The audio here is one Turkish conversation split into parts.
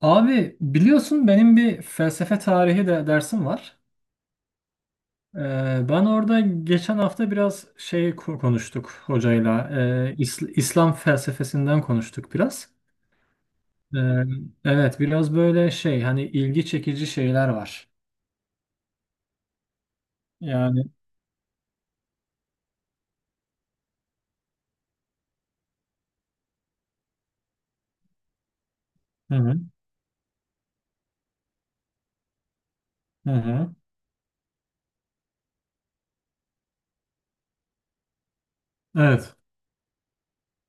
Abi biliyorsun benim bir felsefe tarihi de dersim var. Ee, ben orada geçen hafta biraz şey konuştuk hocayla. İslam felsefesinden konuştuk biraz. Ee, evet biraz böyle şey hani ilgi çekici şeyler var. Yani hı hı, hı hı. Evet.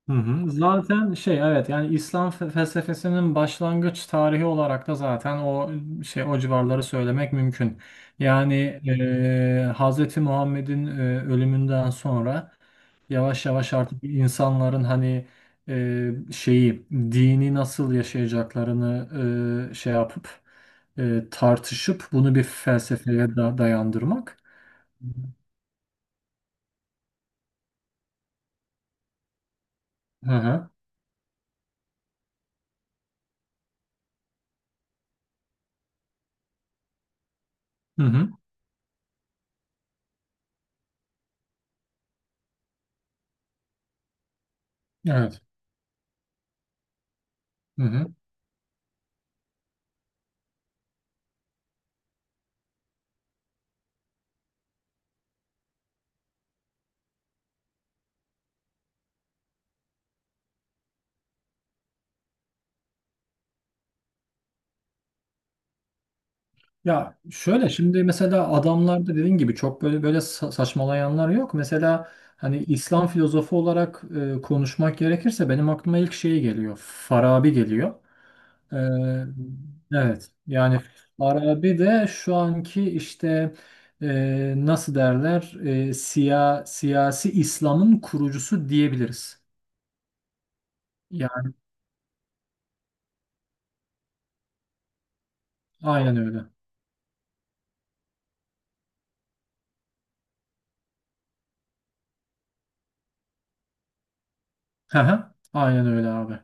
Hı hı. Zaten şey evet yani İslam felsefesinin başlangıç tarihi olarak da zaten o şey o civarları söylemek mümkün. Yani Hz. Muhammed'in ölümünden sonra yavaş yavaş artık insanların hani şeyi dini nasıl yaşayacaklarını şey yapıp tartışıp bunu bir felsefeye da dayandırmak. Hı hı. Hı hı. Evet. Hı hı. Ya şöyle şimdi mesela adamlarda dediğin gibi çok böyle saçmalayanlar yok. Mesela hani İslam filozofu olarak konuşmak gerekirse benim aklıma ilk şey geliyor. Farabi geliyor. E, evet yani Farabi de şu anki işte nasıl derler siyasi İslam'ın kurucusu diyebiliriz. Yani aynen öyle. Hı hı, aynen öyle abi.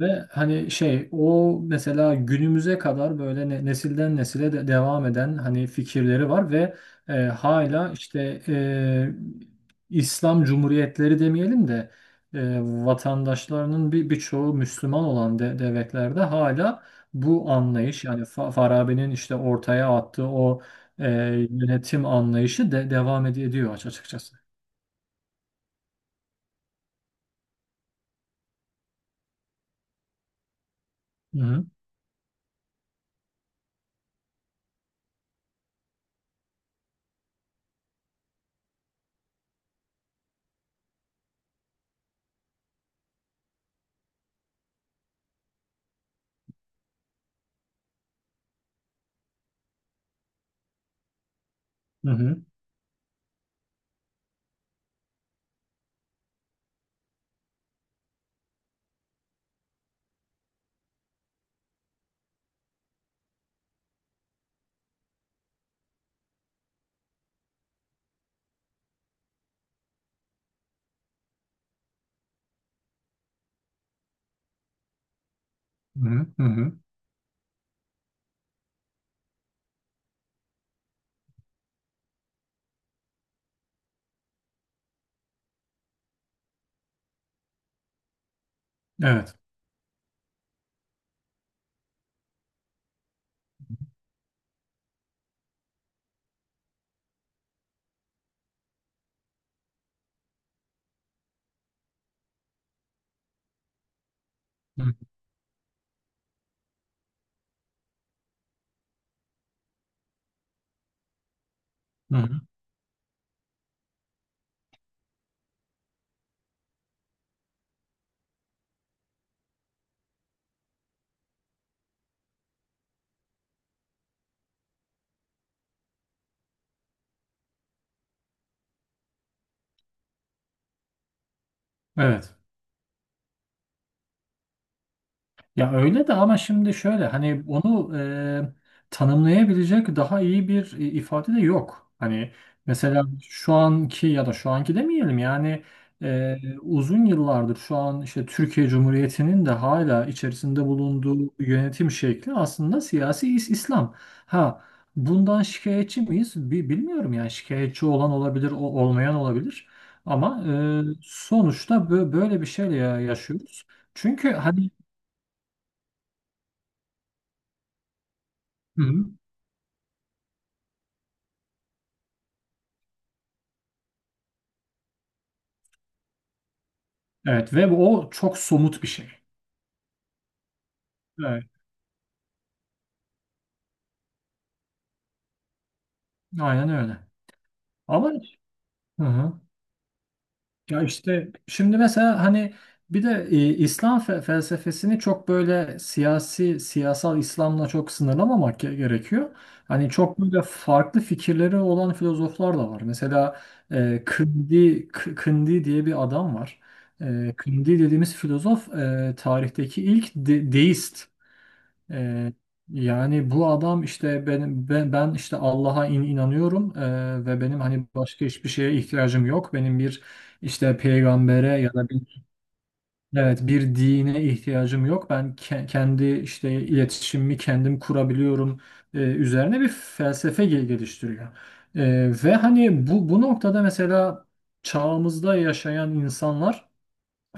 Ve hani şey o mesela günümüze kadar böyle nesilden nesile de devam eden hani fikirleri var ve hala işte İslam cumhuriyetleri demeyelim de vatandaşlarının birçoğu Müslüman olan de, devletlerde hala bu anlayış yani Farabi'nin işte ortaya attığı o e, yönetim anlayışı de ediyor açıkçası. Hı hı hı hı hı hı. Hı. Evet. Hı hı. Evet. Ya öyle de ama şimdi şöyle hani onu tanımlayabilecek daha iyi bir ifade de yok. Hani mesela şu anki ya da şu anki demeyelim yani e, uzun yıllardır şu an işte Türkiye Cumhuriyeti'nin de hala içerisinde bulunduğu yönetim şekli aslında siyasi İslam. Ha bundan şikayetçi miyiz? Bilmiyorum yani şikayetçi olan olabilir, olmayan olabilir. Ama sonuçta böyle bir şeyle yaşıyoruz. Çünkü hani hı hı. Evet ve o çok somut bir şey. Evet, aynen öyle. Ama hı hı. Ya işte şimdi mesela hani bir de İslam felsefesini çok böyle siyasi siyasal İslam'la çok sınırlamamak gerekiyor. Hani çok böyle farklı fikirleri olan filozoflar da var. Mesela Kindi diye bir adam var. E, Kindi dediğimiz filozof tarihteki ilk deist. Ee, yani bu adam işte benim ben işte Allah'a inanıyorum ve benim hani başka hiçbir şeye ihtiyacım yok. Benim bir işte peygambere ya da bir evet bir dine ihtiyacım yok. Ben kendi işte iletişimimi kendim kurabiliyorum üzerine bir felsefe geliştiriyor. Ve hani bu noktada mesela çağımızda yaşayan insanlar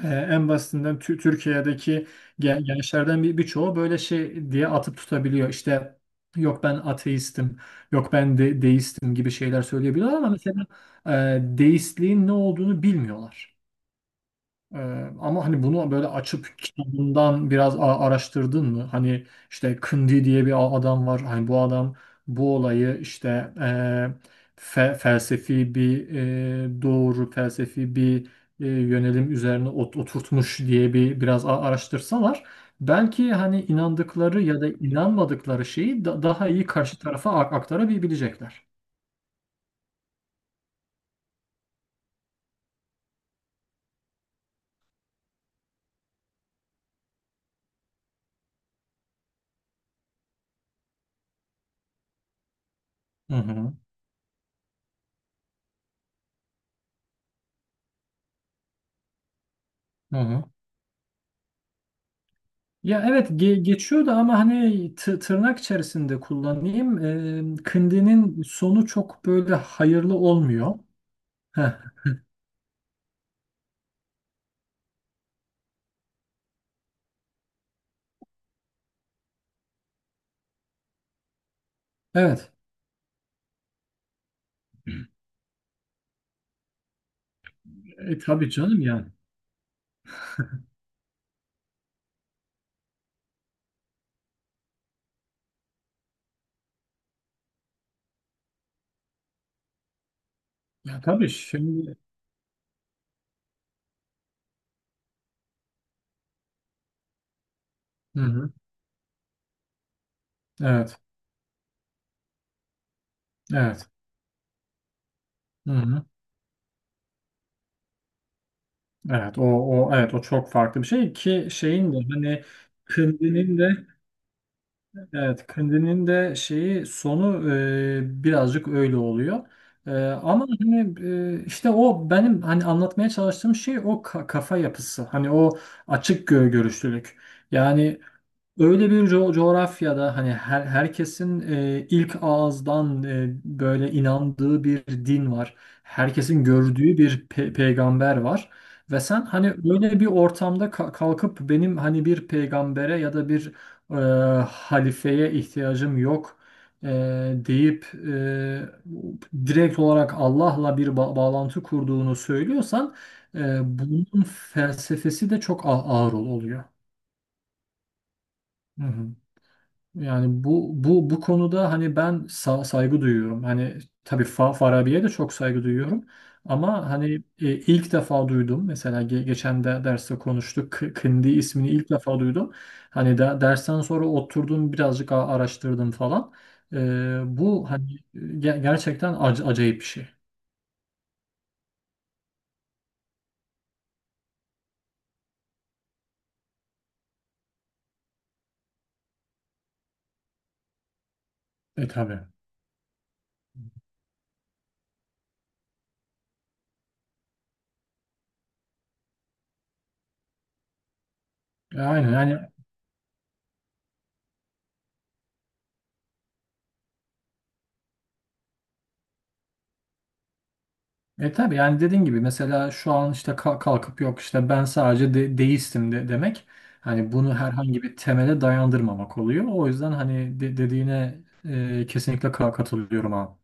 en basitinden Türkiye'deki gençlerden birçoğu böyle şey diye atıp tutabiliyor. İşte yok ben ateistim, yok ben de deistim gibi şeyler söyleyebiliyorlar ama mesela deistliğin ne olduğunu bilmiyorlar. Ee, ama hani bunu böyle açıp kitabından biraz araştırdın mı? Hani işte Kindi diye bir adam var. Hani bu adam bu olayı işte e, felsefi bir felsefi bir yönelim üzerine oturtmuş diye bir biraz araştırsalar belki hani inandıkları ya da inanmadıkları şeyi daha iyi karşı tarafa aktarabilecekler. Hı hı. Hı hı. Ya evet geçiyor ama hani tırnak içerisinde kullanayım. Kındi'nin sonu çok böyle hayırlı olmuyor. Heh, evet. E, tabii canım yani. Ya tabii şimdi. Hı-hı. Evet. Evet. Hı-hı. Evet. O, o evet o çok farklı bir şey ki şeyin de hani Kındi'nin de evet, Kundinin de şeyi sonu birazcık öyle oluyor. Ama hani işte o benim hani anlatmaya çalıştığım şey o kafa yapısı. Hani o açık görüşlülük. Yani öyle bir coğrafyada hani herkesin ilk ağızdan böyle inandığı bir din var. Herkesin gördüğü bir peygamber var. Ve sen hani öyle bir ortamda kalkıp benim hani bir peygambere ya da bir e, halifeye ihtiyacım yok, e, deyip direkt olarak Allah'la bir bağlantı kurduğunu söylüyorsan bunun felsefesi de çok ağır oluyor. Hı hı. Yani bu konuda hani ben saygı duyuyorum. Hani tabii Farabi'ye de çok saygı duyuyorum. Ama hani ilk defa duydum. Mesela geçen de derste konuştuk. Kindi ismini ilk defa duydum. Hani de dersten sonra oturdum birazcık araştırdım falan. E, bu hani gerçekten acayip bir şey. E tabii. E, aynen yani E tabii yani dediğin gibi mesela şu an işte kalkıp yok işte ben sadece de deistim de demek hani bunu herhangi bir temele dayandırmamak oluyor. O yüzden hani dediğine kesinlikle katılıyorum abi.